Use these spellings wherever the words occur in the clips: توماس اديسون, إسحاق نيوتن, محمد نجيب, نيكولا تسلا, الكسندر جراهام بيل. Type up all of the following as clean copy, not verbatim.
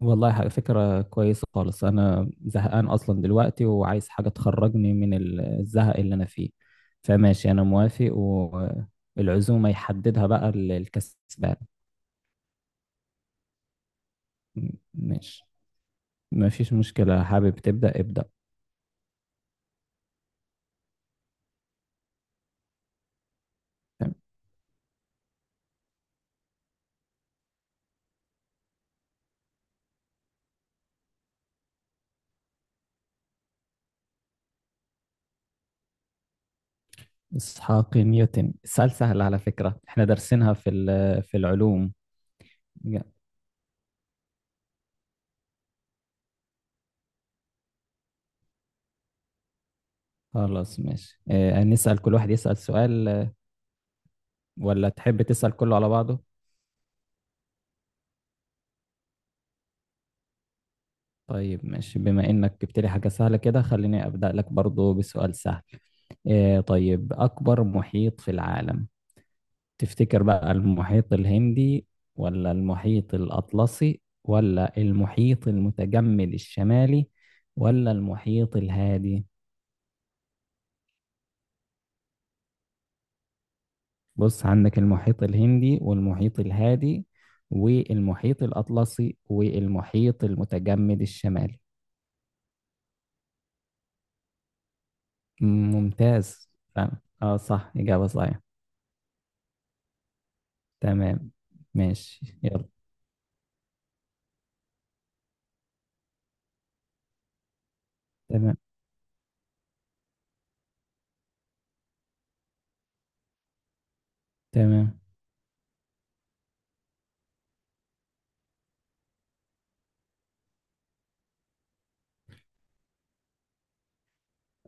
والله حاجة فكرة كويسة خالص. أنا زهقان أصلا دلوقتي وعايز حاجة تخرجني من الزهق اللي أنا فيه. فماشي أنا موافق، والعزومة يحددها بقى الكسبان. ماشي، مفيش مشكلة، حابب تبدأ ابدأ. تمام. إسحاق نيوتن. السؤال سهل على فكرة، إحنا دارسينها في في العلوم. خلاص ماشي، نسأل كل واحد يسأل سؤال، ولا تحب تسأل كله على بعضه؟ طيب ماشي، بما انك جبت لي حاجة سهلة كده خليني ابدأ لك برضو بسؤال سهل. إيه، طيب، اكبر محيط في العالم تفتكر بقى؟ المحيط الهندي ولا المحيط الاطلسي ولا المحيط المتجمد الشمالي ولا المحيط الهادي؟ بص عندك المحيط الهندي والمحيط الهادي والمحيط الاطلسي والمحيط المتجمد الشمالي. ممتاز. فعلا. اه صح، اجابة صحيحة. تمام. ماشي يلا. تمام. تمام.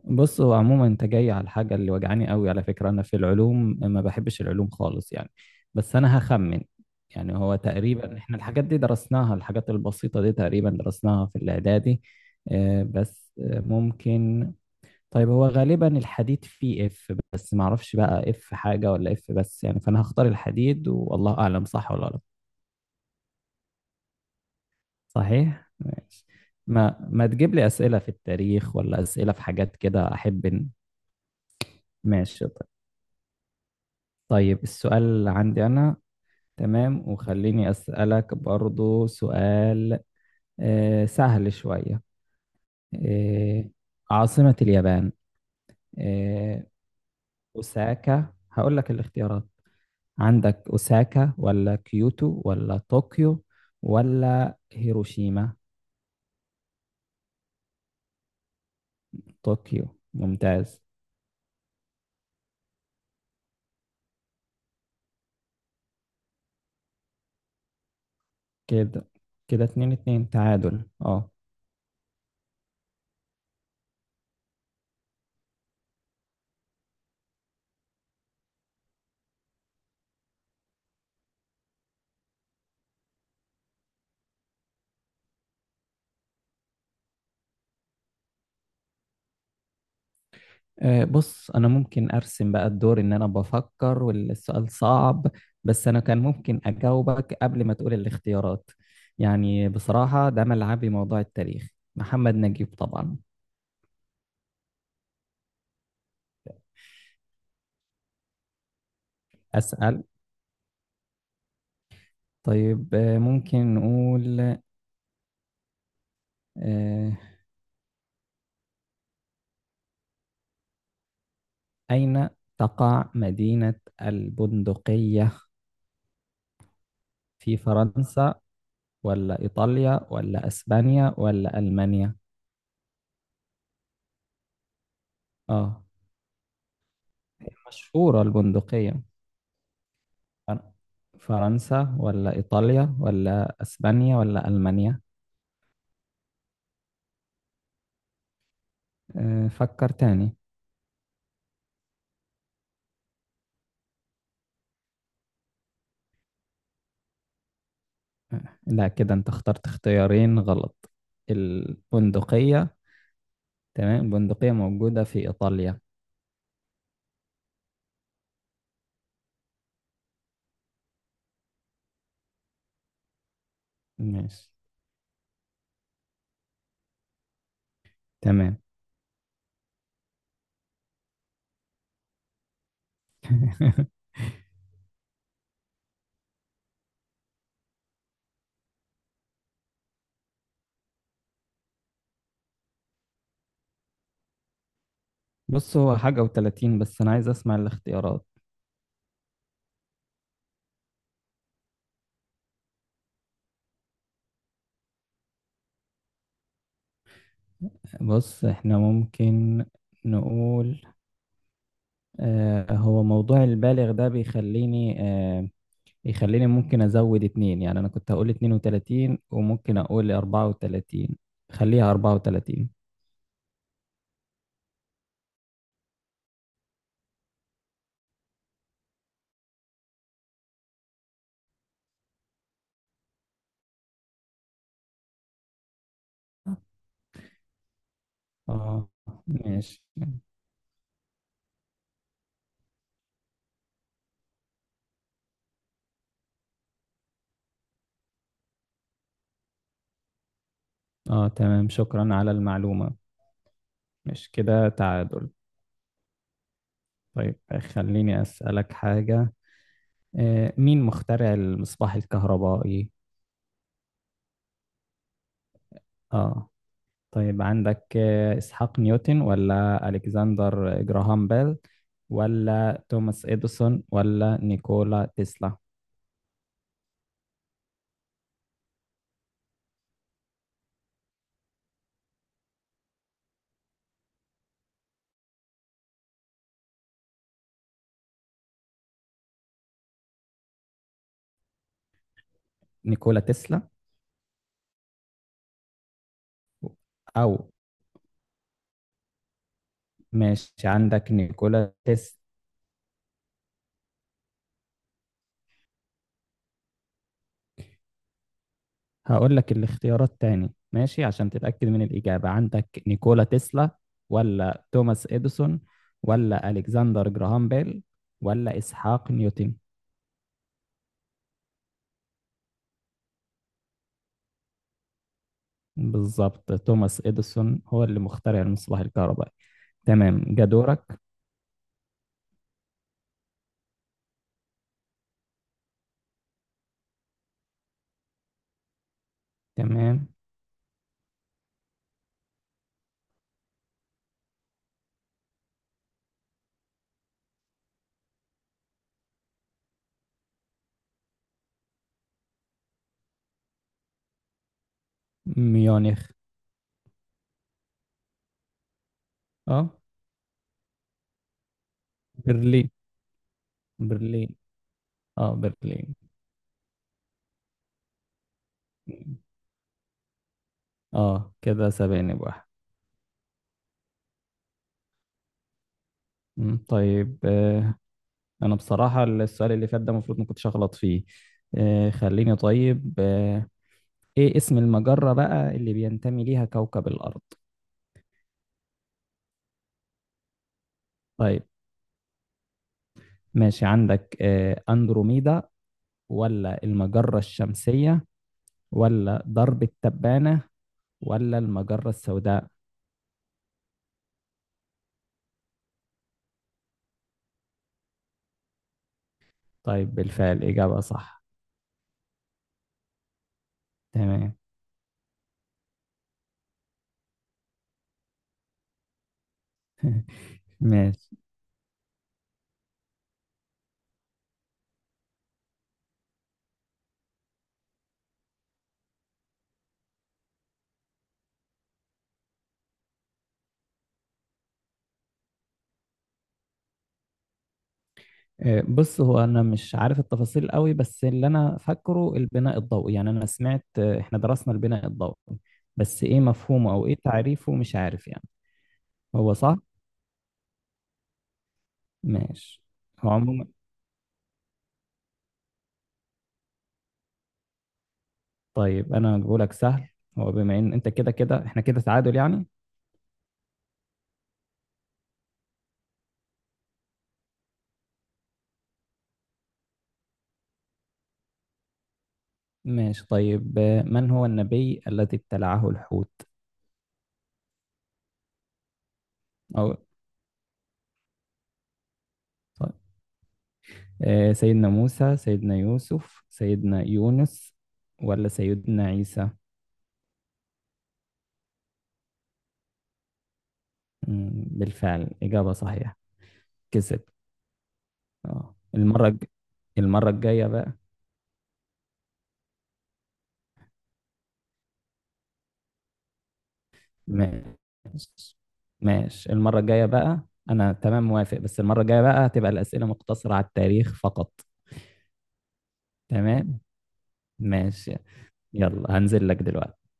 بص، هو عموما انت جاي على الحاجة اللي وجعاني قوي على فكرة، انا في العلوم ما بحبش العلوم خالص يعني. بس انا هخمن. يعني هو تقريبا احنا الحاجات دي درسناها، الحاجات البسيطة دي تقريبا درسناها في الاعدادي. بس ممكن. طيب، هو غالبا الحديد فيه اف، بس ما اعرفش بقى اف حاجة ولا اف بس يعني، فانا هختار الحديد، والله اعلم صح ولا لا. صحيح، ماشي. ما تجيب لي أسئلة في التاريخ ولا أسئلة في حاجات كده، أحب. ماشي طيب. طيب، السؤال اللي عندي أنا. تمام، وخليني أسألك برضو سؤال سهل شوية. آه، عاصمة اليابان. آه، أوساكا. هقول لك الاختيارات. عندك أوساكا ولا كيوتو ولا طوكيو ولا هيروشيما؟ طوكيو، ممتاز. كده كده 2-2 تعادل، اه. بص انا ممكن ارسم بقى الدور ان انا بفكر والسؤال صعب، بس انا كان ممكن اجاوبك قبل ما تقول الاختيارات. يعني بصراحة ده ملعبي، موضوع التاريخ. محمد نجيب طبعا. اسأل. طيب، ممكن نقول آه، اين تقع مدينة البندقية؟ في فرنسا ولا ايطاليا ولا اسبانيا ولا المانيا؟ اه، مشهورة البندقية. فر- فرنسا ولا إيطاليا ولا أسبانيا ولا ألمانيا؟ فكر تاني. لا كده أنت اخترت اختيارين غلط. البندقية، تمام، البندقية موجودة في إيطاليا. ماشي. تمام. بص هو حاجة وتلاتين، بس أنا عايز أسمع الاختيارات. بص إحنا ممكن نقول. هو موضوع البالغ ده بيخليني آه، يخليني ممكن ازود اتنين. يعني انا كنت هقول 32، وممكن اقول 34. خليها 34. اه ماشي. اه تمام، شكرا على المعلومة. مش كده تعادل؟ طيب خليني اسألك حاجة. مين مخترع المصباح الكهربائي؟ اه. طيب عندك اسحاق نيوتن ولا الكسندر جراهام بيل ولا توماس اديسون ولا نيكولا تسلا؟ نيكولا تسلا. او ماشي، عندك نيكولا تسلا. هقول لك الاختيارات تاني ماشي عشان تتأكد من الإجابة. عندك نيكولا تسلا ولا توماس إديسون ولا ألكسندر جراهام بيل ولا إسحاق نيوتن؟ بالظبط، توماس إديسون هو اللي مخترع المصباح الكهربائي. تمام جدورك. تمام. ميونخ. اه. برلين. برلين. اه برلين. اه كده سبقني بواحد. مم، طيب. انا بصراحة السؤال اللي فات ده المفروض ما كنتش اغلط فيه. خليني، طيب. ايه اسم المجرة بقى اللي بينتمي ليها كوكب الارض؟ طيب ماشي. عندك اندروميدا ولا المجرة الشمسية ولا درب التبانة ولا المجرة السوداء؟ طيب، بالفعل إجابة صح. تمام. ماشي. بص هو انا مش عارف التفاصيل قوي، بس اللي انا فاكره البناء الضوئي، يعني انا سمعت احنا درسنا البناء الضوئي. بس ايه مفهومه او ايه تعريفه مش عارف يعني. هو صح. ماشي. هو عموما. طيب انا بقولك سهل. هو بما ان انت كده كده احنا كده تعادل يعني. ماشي طيب. من هو النبي الذي ابتلعه الحوت؟ او طيب. سيدنا موسى، سيدنا يوسف، سيدنا يونس، ولا سيدنا عيسى؟ بالفعل إجابة صحيحة. كسب. اه المرة الجاية بقى. ماشي. ماشي المرة الجاية بقى. أنا تمام موافق، بس المرة الجاية بقى هتبقى الأسئلة مقتصرة على التاريخ فقط. تمام. ماشي. يلا هنزل لك دلوقتي